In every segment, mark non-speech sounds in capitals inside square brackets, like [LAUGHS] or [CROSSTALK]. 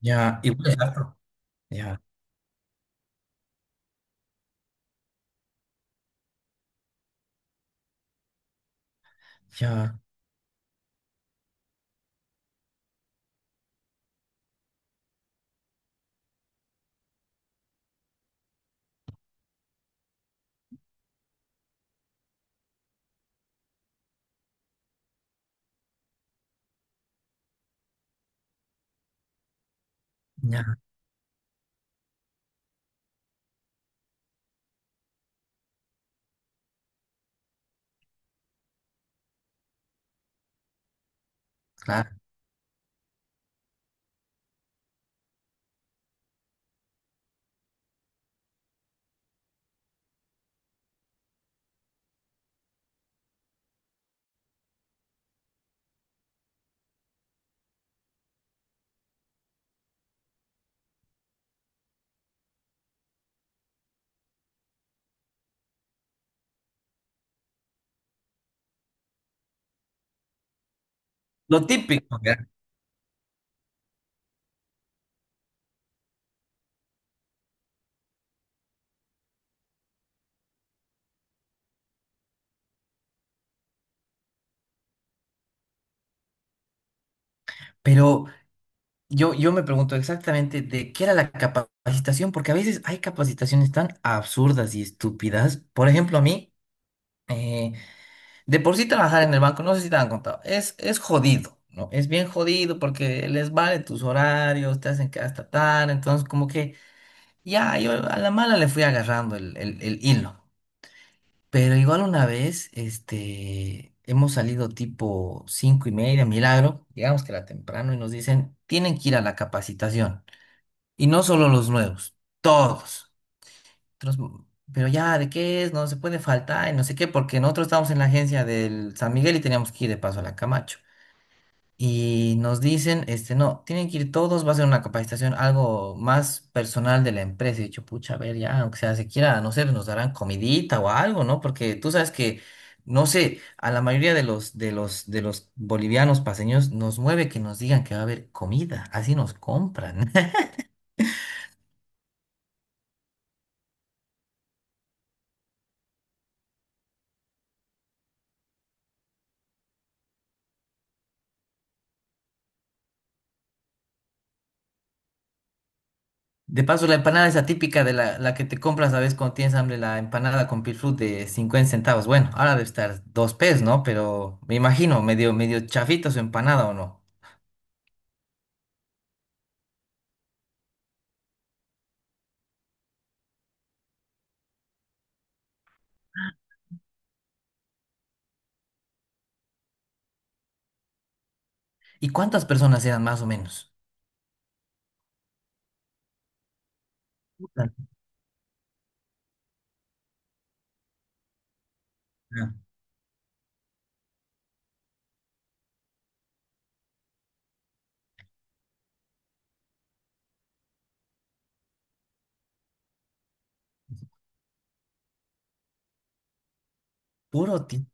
Ya, igual es harto. Ya, ya, ya, claro. Lo típico, ya. Pero yo me pregunto exactamente de qué era la capacitación, porque a veces hay capacitaciones tan absurdas y estúpidas. Por ejemplo, a mí, eh, de por sí trabajar en el banco, no sé si te han contado, es jodido, ¿no? Es bien jodido porque les vale tus horarios, te hacen que hasta tarde, entonces como que ya, yo a la mala le fui agarrando el hilo. Pero igual una vez, hemos salido tipo 5:30, milagro, llegamos que era temprano y nos dicen, tienen que ir a la capacitación. Y no solo los nuevos, todos. Otros, pero ya, ¿de qué es? No se puede faltar y no sé qué, porque nosotros estábamos en la agencia del San Miguel y teníamos que ir de paso a la Camacho y nos dicen, este, no, tienen que ir todos, va a ser una capacitación, algo más personal de la empresa. Y yo, pucha, a ver, ya, aunque sea se quiera, no sé, nos darán comidita o algo, ¿no? Porque tú sabes que, no sé, a la mayoría de los bolivianos paseños nos mueve que nos digan que va a haber comida, así nos compran. [LAUGHS] De paso, la empanada esa típica de la que te compras, ¿sabes? Cuando tienes hambre, la empanada con pilfrut de 50 centavos. Bueno, ahora debe estar 2 pesos, ¿no? Pero me imagino, medio, medio chafita su empanada, ¿o no? ¿Y cuántas personas eran más o menos? Puta, ah, puro ti.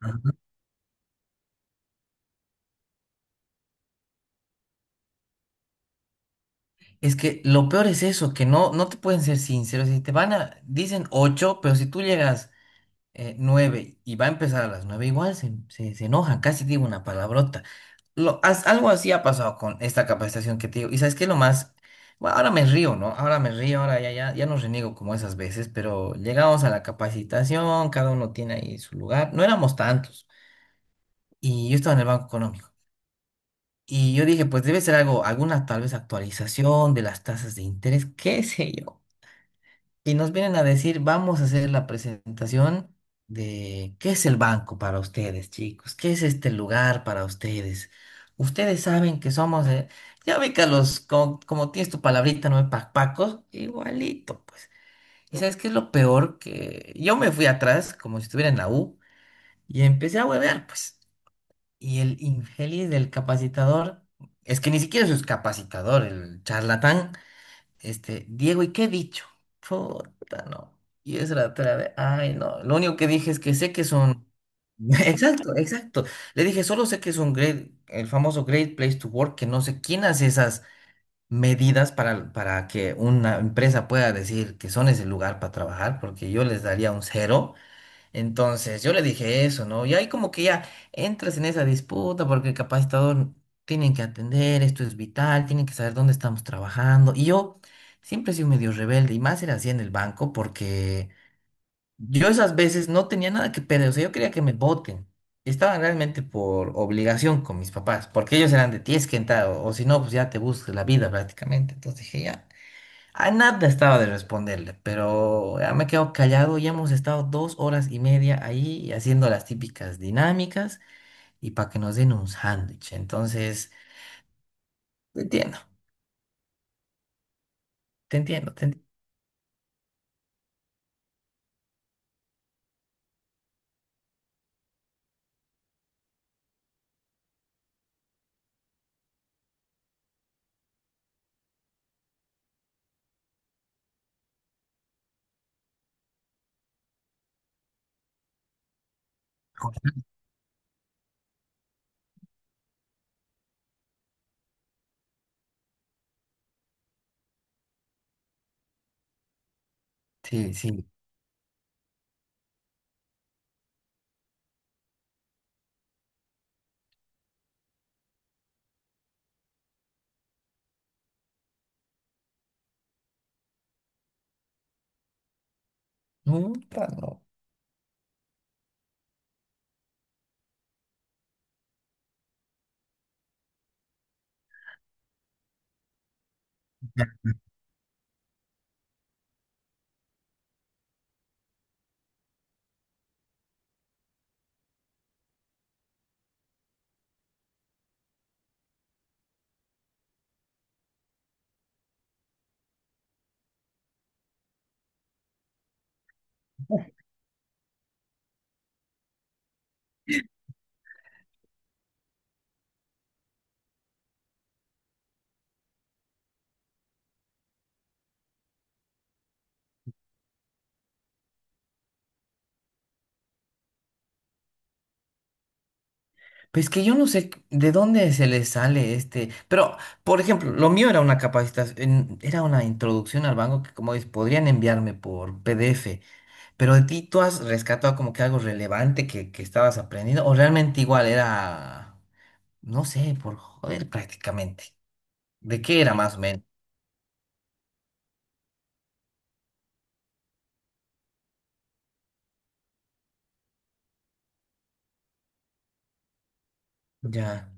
Ajá. Es que lo peor es eso, que no, no te pueden ser sinceros. Si te van a, dicen ocho, pero si tú llegas nueve y va a empezar a las nueve, igual se enojan, casi digo una palabrota. Lo, algo así ha pasado con esta capacitación que te digo. Y sabes qué es lo más, bueno, ahora me río, ¿no? Ahora me río, ahora ya, ya, ya no reniego como esas veces, pero llegamos a la capacitación, cada uno tiene ahí su lugar. No éramos tantos. Y yo estaba en el Banco Económico. Y yo dije, pues debe ser algo, alguna tal vez actualización de las tasas de interés, qué sé yo. Y nos vienen a decir, vamos a hacer la presentación de qué es el banco para ustedes, chicos, qué es este lugar para ustedes. Ustedes saben que somos, ya ubica los, como, como tienes tu palabrita, no pacpacos, igualito, pues. ¿Y sabes qué es lo peor? Que yo me fui atrás, como si estuviera en la U, y empecé a huevear, pues. Y el Ingelis del capacitador, es que ni siquiera es capacitador, el charlatán, este, Diego, ¿y qué he dicho? Puta, no. Y es la otra vez, ay, no. Lo único que dije es que sé que son. [LAUGHS] Exacto, exacto. Le dije, solo sé que es un great, el famoso Great Place to Work, que no sé quién hace esas medidas para que una empresa pueda decir que son ese lugar para trabajar, porque yo les daría un cero. Entonces yo le dije eso, ¿no? Y ahí como que ya entras en esa disputa porque capaz todos tienen que atender, esto es vital, tienen que saber dónde estamos trabajando. Y yo siempre he sido medio rebelde y más era así en el banco porque yo esas veces no tenía nada que perder, o sea, yo quería que me voten. Estaban realmente por obligación con mis papás, porque ellos eran de tienes que entrar o si no, pues ya te buscas la vida prácticamente. Entonces dije, ya. A nada estaba de responderle, pero ya me quedo callado. Ya hemos estado 2 horas y media ahí haciendo las típicas dinámicas y para que nos den un sándwich. Entonces, te entiendo, te entiendo, te entiendo. Sí, sí. No, no. Pues que yo no sé de dónde se les sale este. Pero, por ejemplo, lo mío era una capacitación, era una introducción al banco que, como dices, podrían enviarme por PDF. Pero de ti tú has rescatado como que algo relevante que, estabas aprendiendo, o realmente igual era. No sé, por joder prácticamente. ¿De qué era más o menos? Ya,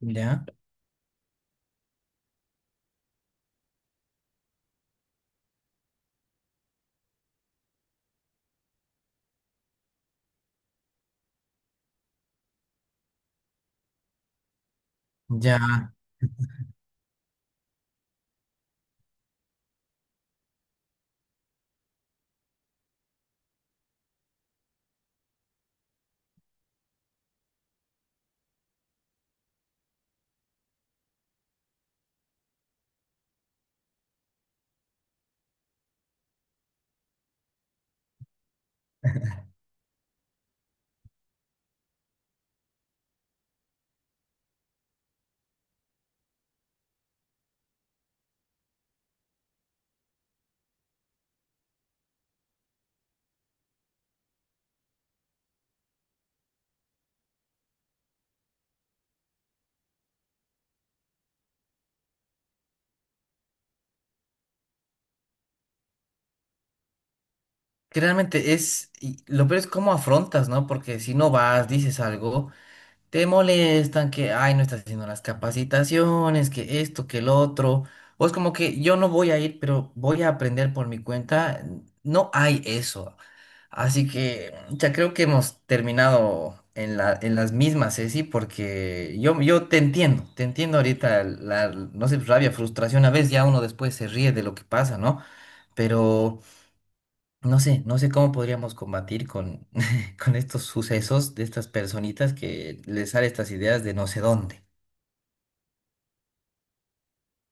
ya, ya. Que realmente es, y lo peor es cómo afrontas, ¿no? Porque si no vas, dices algo, te molestan, que, ay, no estás haciendo las capacitaciones, que esto, que el otro. O es como que yo no voy a ir, pero voy a aprender por mi cuenta. No hay eso. Así que ya creo que hemos terminado en la, en las mismas, Ceci, porque yo te entiendo ahorita la, no sé, rabia, frustración, a veces ya uno después se ríe de lo que pasa, ¿no? Pero no sé, no sé cómo podríamos combatir con, [LAUGHS] con estos sucesos de estas personitas que les salen estas ideas de no sé dónde.